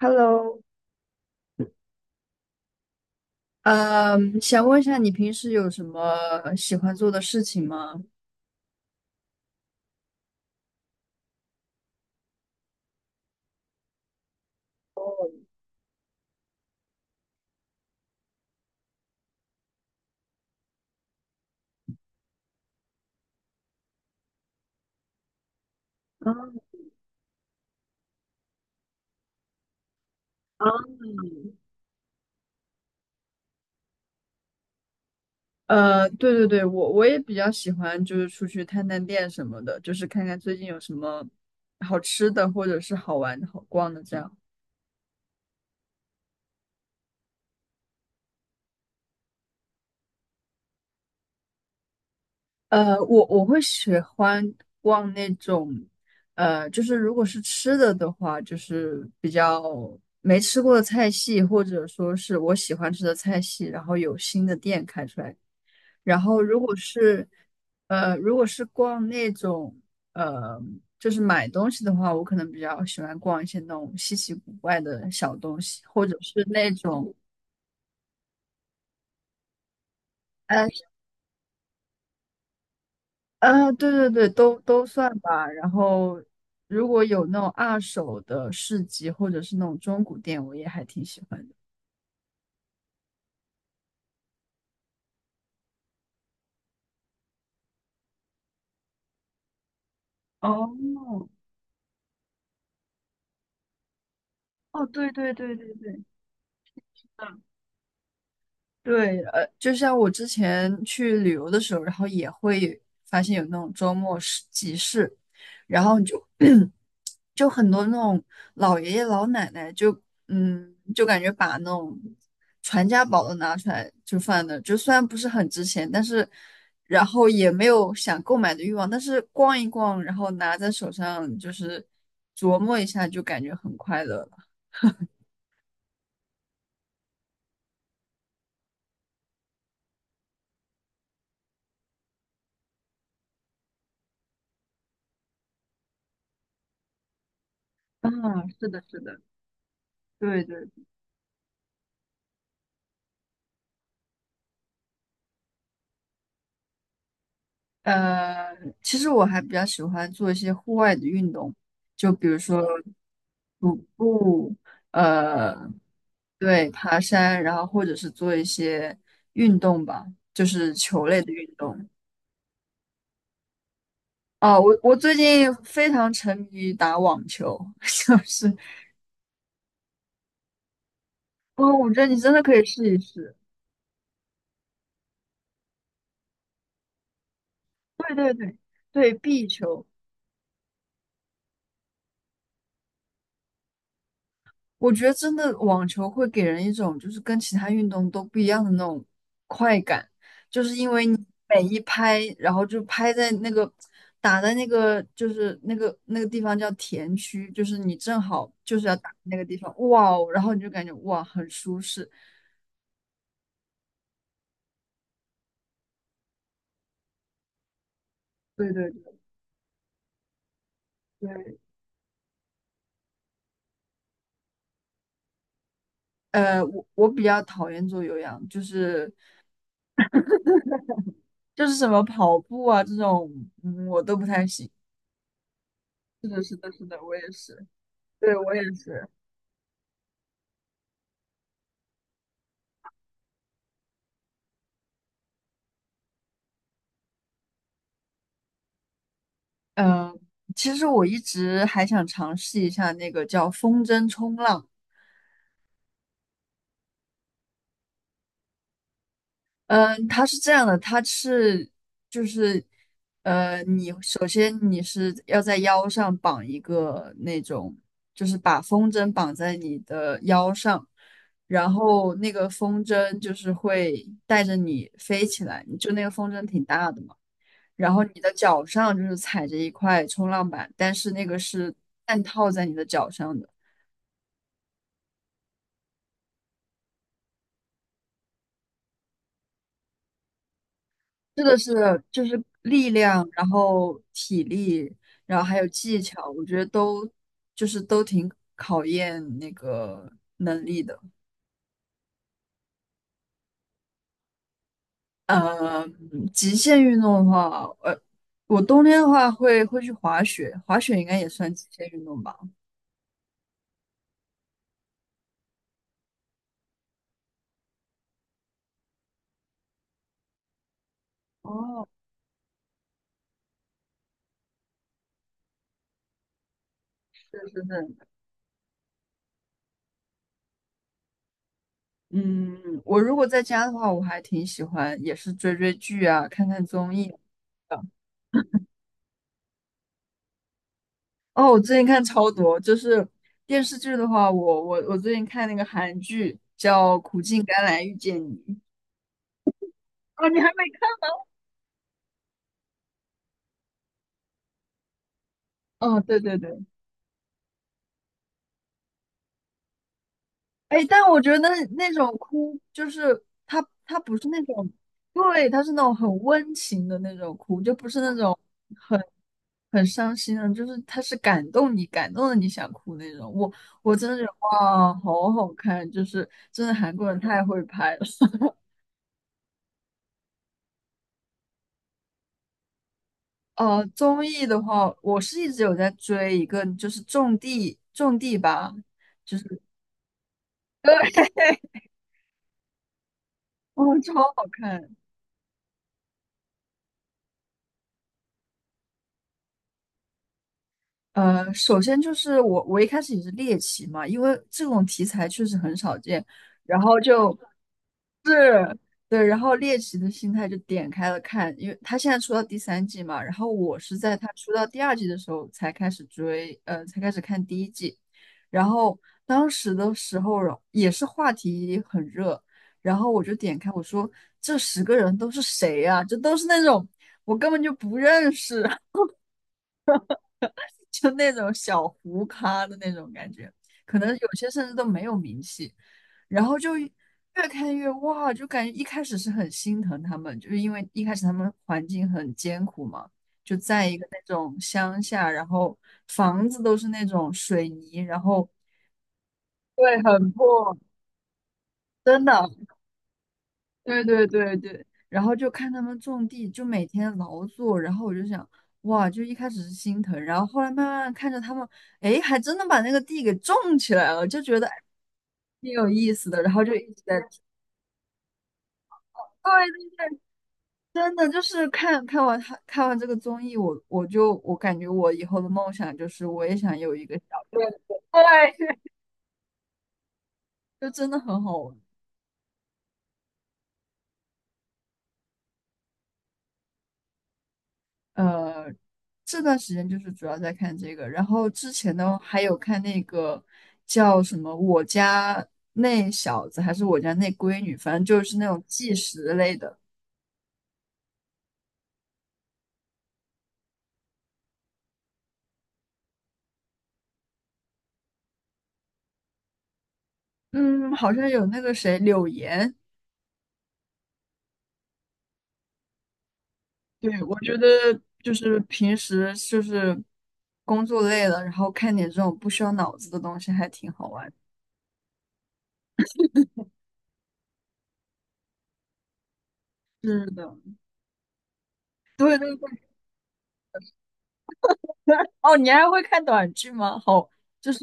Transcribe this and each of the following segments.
Hello，嗯，想问一下你平时有什么喜欢做的事情吗？啊啊，对对对，我也比较喜欢，就是出去探探店什么的，就是看看最近有什么好吃的或者是好玩的、好逛的这样。我会喜欢逛那种，就是如果是吃的的话，就是比较没吃过的菜系，或者说是我喜欢吃的菜系，然后有新的店开出来。然后如果是如果是逛那种呃，就是买东西的话，我可能比较喜欢逛一些那种稀奇古怪的小东西，或者是那种呃对对对，都都算吧。然后如果有那种二手的市集或者是那种中古店，我也还挺喜欢的。哦，哦，对对对对对，嗯。对，就像我之前去旅游的时候，然后也会发现有那种周末市集市，然后你就 就很多那种老爷爷老奶奶就，嗯，就感觉把那种传家宝都拿出来就放那，就虽然不是很值钱，但是然后也没有想购买的欲望，但是逛一逛，然后拿在手上就是琢磨一下，就感觉很快乐了。啊，是的，是的。对对。呃，其实我还比较喜欢做一些户外的运动，就比如说徒步，呃，对，爬山，然后或者是做一些运动吧，就是球类的运动。哦，我最近非常沉迷于打网球，就是，哦，我觉得你真的可以试一试。对对对对，壁球，我觉得真的网球会给人一种就是跟其他运动都不一样的那种快感，就是因为你每一拍，然后就拍在那个打在那个地方叫田区，就是你正好就是要打那个地方，哇哦，然后你就感觉哇很舒适。对对对对，我比较讨厌做有氧，就是就是什么跑步啊这种，嗯，我都不太行。是的，是的，我也是，对，我也是。嗯，其实我一直还想尝试一下那个叫风筝冲浪。嗯，它是这样的，它是就是，你首先你是要在腰上绑一个那种，就是把风筝绑在你的腰上，然后那个风筝就是会带着你飞起来，就那个风筝挺大的嘛。然后你的脚上就是踩着一块冲浪板，但是那个是半套在你的脚上的。是的，是的就是力量，然后体力，然后还有技巧，我觉得都就是都挺考验那个能力的。呃，极限运动的话，我冬天的话会去滑雪，滑雪应该也算极限运动吧。哦，是是是，嗯，我如果在家的话，我还挺喜欢，也是追追剧啊，看看综艺。哦，我最近看超多，就是电视剧的话，我最近看那个韩剧叫《苦尽甘来遇见你》。哦，你还没看？嗯，对对对，哎，但我觉得那那种哭就是他不是那种，对，他是那种很温情的那种哭，就不是那种很很伤心的，就是他是感动你，感动的你想哭那种。我真的觉得哇，好好看，就是真的韩国人太会拍了。综艺的话，我是一直有在追一个，就是《种地》，种地吧，对，哦，超好看。首先就是我，我一开始也是猎奇嘛，因为这种题材确实很少见，然后就是，对，然后猎奇的心态就点开了看，因为他现在出到第三季嘛，然后我是在他出到第二季的时候才开始追，才开始看第一季，然后当时的时候也是话题很热，然后我就点开，我说这十个人都是谁呀、这都是那种我根本就不认识，就那种小糊咖的那种感觉，可能有些甚至都没有名气，然后就越看越哇，就感觉一开始是很心疼他们，就是因为一开始他们环境很艰苦嘛，就在一个那种乡下，然后房子都是那种水泥，然后对，很破，真的。对对对对，然后就看他们种地，就每天劳作，然后我就想，哇，就一开始是心疼，然后后来慢慢看着他们，哎，还真的把那个地给种起来了，就觉得哎挺有意思的，然后就一直在，对，真的就是看完这个综艺，我感觉我以后的梦想就是我也想有一个小，对，就真的很好玩。呃，这段时间就是主要在看这个，然后之前呢还有看那个叫什么《我家那小子》还是《我家那闺女》，反正就是那种纪实类的。嗯，好像有那个谁柳岩，对，我觉得就是平时就是工作累了，然后看点这种不需要脑子的东西还挺好玩。是的，对对对，哦，你还会看短剧吗？好，就是，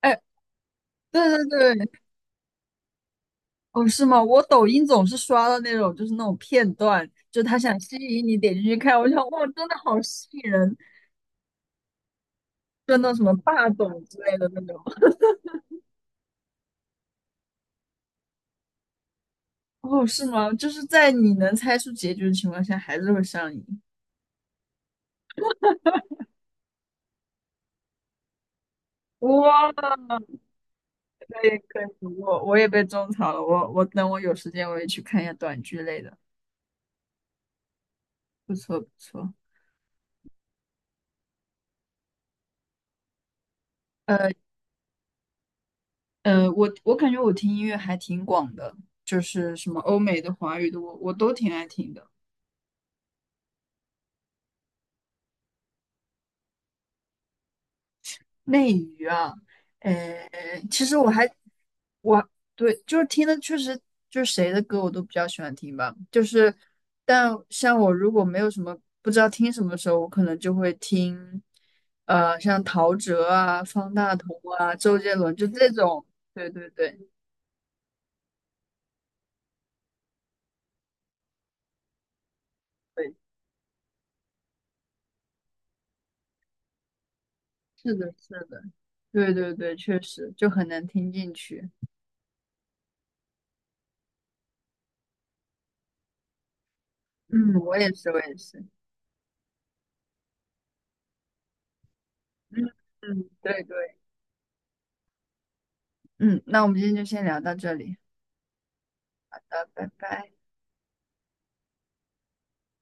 哎，对对对，哦，是吗？我抖音总是刷到那种，就是那种片段，就他想吸引你点进去看，我想，哇，真的好吸引人，就那种什么霸总之类的那种。哦，是吗？就是在你能猜出结局的情况下，还是会上瘾。哇，可以可以，我也被种草了，我等我有时间我也去看一下短剧类的，不错不错。呃我感觉我听音乐还挺广的，就是什么欧美的、华语的，我都挺爱听的。内娱啊，诶，其实我还我对，就是听的确实就是谁的歌我都比较喜欢听吧，就是但像我如果没有什么不知道听什么的时候，我可能就会听，像陶喆啊、方大同啊、周杰伦就这种，对对对对，是的，是的，对对对，确实就很难听进去。嗯，我也是，我也是，嗯。嗯，对对，嗯，那我们今天就先聊到这里，好的拜拜。